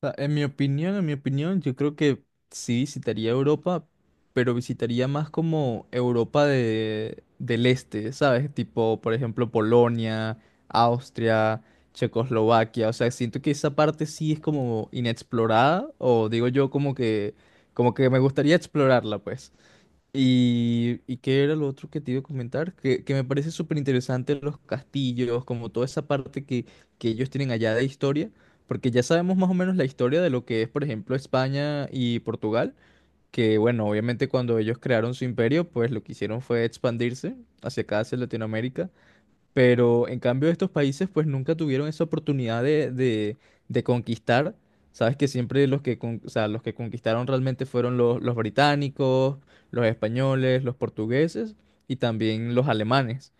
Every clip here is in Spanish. Sea, en mi opinión, yo creo que sí visitaría Europa, pero visitaría más como Europa de, del Este, ¿sabes? Tipo, por ejemplo, Polonia, Austria, Checoslovaquia. O sea, siento que esa parte sí es como inexplorada, o digo yo como que me gustaría explorarla, pues. ¿Y qué era lo otro que te iba a comentar? Que me parece súper interesante los castillos, como toda esa parte que ellos tienen allá de historia, porque ya sabemos más o menos la historia de lo que es, por ejemplo, España y Portugal, que bueno, obviamente cuando ellos crearon su imperio, pues lo que hicieron fue expandirse hacia acá, hacia Latinoamérica, pero en cambio estos países pues nunca tuvieron esa oportunidad de conquistar. Sabes que siempre los que conquistaron realmente fueron los británicos, los españoles, los portugueses y también los alemanes.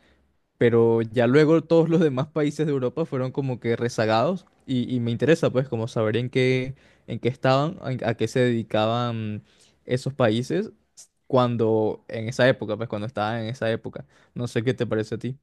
Pero ya luego todos los demás países de Europa fueron como que rezagados y me interesa pues como saber en qué estaban, a qué se dedicaban esos países cuando en esa época, pues cuando estaban en esa época. No sé qué te parece a ti.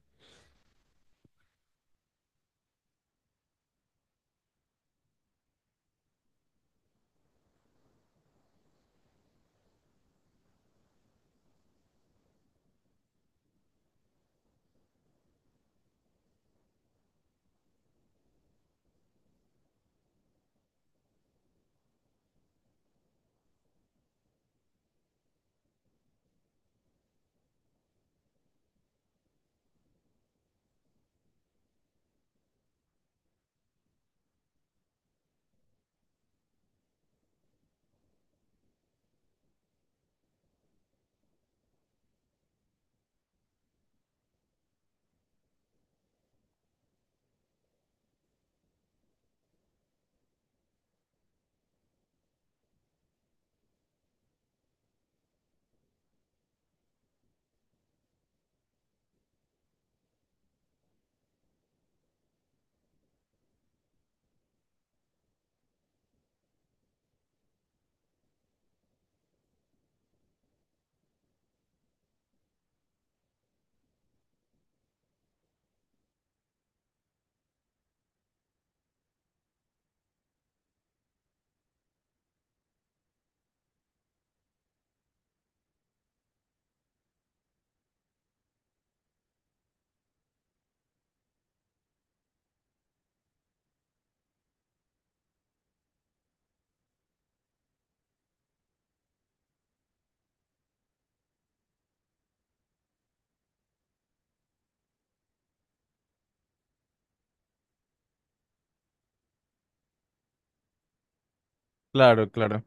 Claro, claro.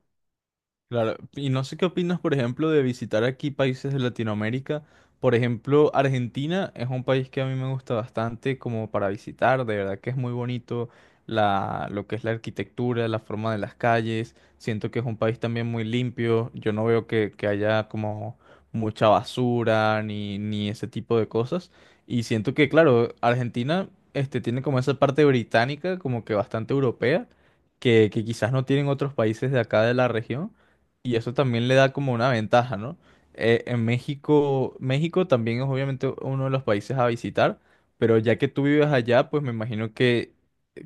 Claro, y no sé qué opinas, por ejemplo, de visitar aquí países de Latinoamérica. Por ejemplo, Argentina es un país que a mí me gusta bastante como para visitar, de verdad que es muy bonito la, lo que es la arquitectura, la forma de las calles. Siento que es un país también muy limpio. Yo no veo que haya como mucha basura ni ese tipo de cosas. Y siento que, claro, Argentina este, tiene como esa parte británica, como que bastante europea, que quizás no tienen otros países de acá de la región. Y eso también le da como una ventaja, ¿no? En México, México también es obviamente uno de los países a visitar, pero ya que tú vives allá, pues me imagino que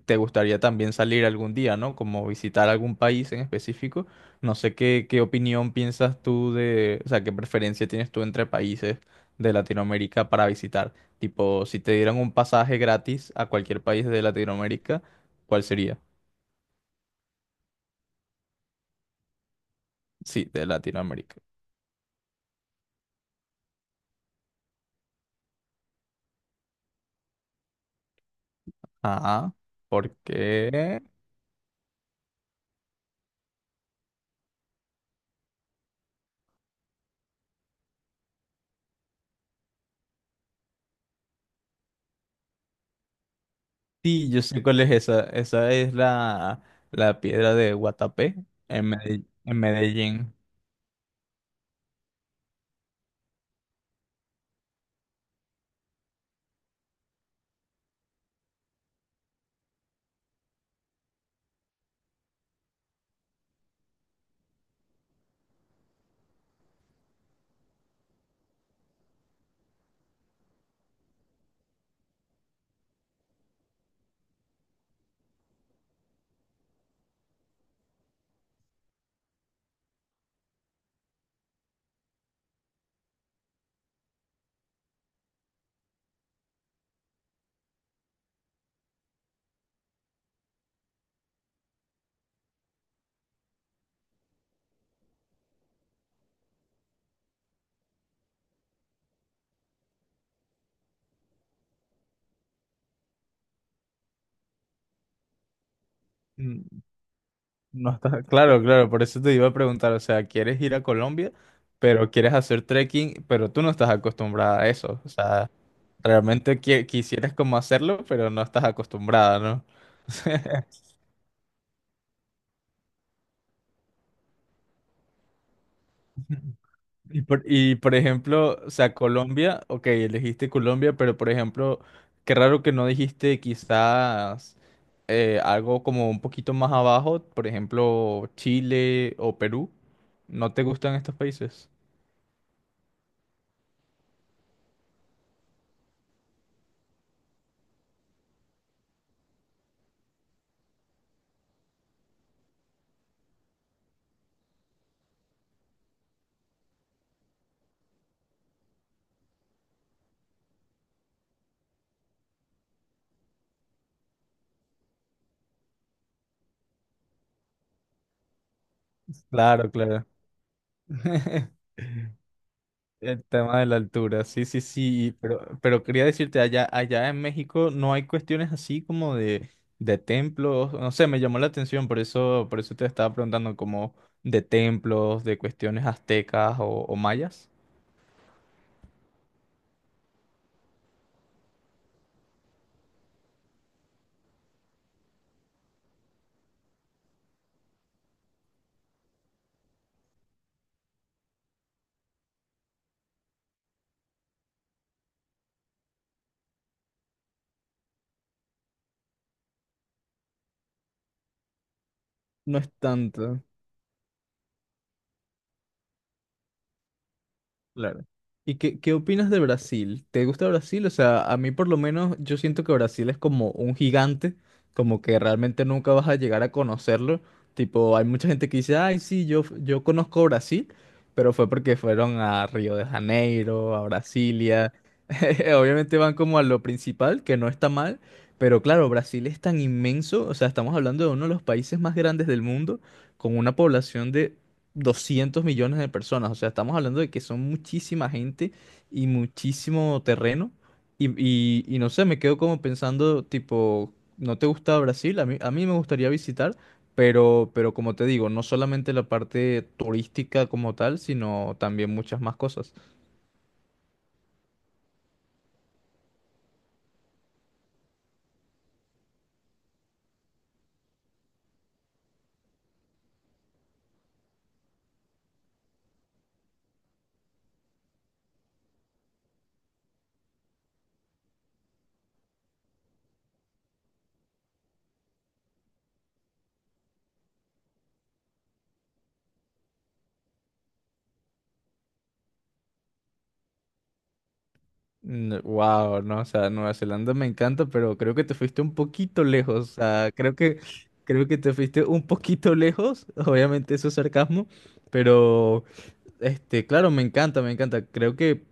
te gustaría también salir algún día, ¿no? Como visitar algún país en específico. No sé qué opinión piensas tú de, o sea, qué preferencia tienes tú entre países de Latinoamérica para visitar. Tipo, si te dieran un pasaje gratis a cualquier país de Latinoamérica, ¿cuál sería? Sí, de Latinoamérica. Ajá. ¿Por qué? Sí, yo sé cuál es esa. Esa es la, la piedra de Guatapé en Medellín. Mm, no está claro, claro, por eso te iba a preguntar, o sea, ¿quieres ir a Colombia, pero quieres hacer trekking, pero tú no estás acostumbrada a eso? O sea, realmente quisieras como hacerlo, pero no estás acostumbrada, ¿no? Y por ejemplo, o sea, Colombia, ok, elegiste Colombia, pero por ejemplo, qué raro que no dijiste quizás algo como un poquito más abajo, por ejemplo, Chile o Perú. ¿No te gustan estos países? Claro, claro. El tema de la altura, sí, sí, sí, pero quería decirte, allá, allá en México no hay cuestiones así como de templos, no sé, me llamó la atención, por eso te estaba preguntando como de templos, de cuestiones aztecas o mayas. No es tanto. Claro. ¿Y qué opinas de Brasil? ¿Te gusta Brasil? O sea, a mí por lo menos yo siento que Brasil es como un gigante, como que realmente nunca vas a llegar a conocerlo. Tipo, hay mucha gente que dice, ay, sí, yo conozco Brasil, pero fue porque fueron a Río de Janeiro, a Brasilia. Obviamente van como a lo principal, que no está mal, pero claro, Brasil es tan inmenso, o sea, estamos hablando de uno de los países más grandes del mundo, con una población de 200 millones de personas. O sea, estamos hablando de que son muchísima gente y muchísimo terreno. Y no sé, me quedo como pensando, tipo, ¿no te gusta Brasil? A mí me gustaría visitar, pero como te digo, no solamente la parte turística como tal, sino también muchas más cosas. Wow, no, o sea, Nueva Zelanda me encanta, pero creo que te fuiste un poquito lejos. O sea, creo que te fuiste un poquito lejos. Obviamente eso es sarcasmo, pero este, claro, me encanta, me encanta. Creo que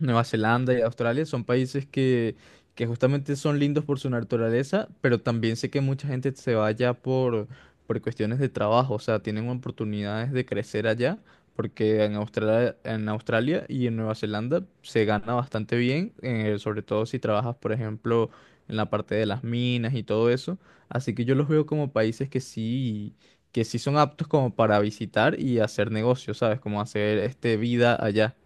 Nueva Zelanda y Australia son países que justamente son lindos por su naturaleza, pero también sé que mucha gente se va allá por cuestiones de trabajo, o sea, tienen oportunidades de crecer allá, porque en Australia y en Nueva Zelanda se gana bastante bien, sobre todo si trabajas, por ejemplo, en la parte de las minas y todo eso. Así que yo los veo como países que sí son aptos como para visitar y hacer negocios, ¿sabes? Como hacer este vida allá.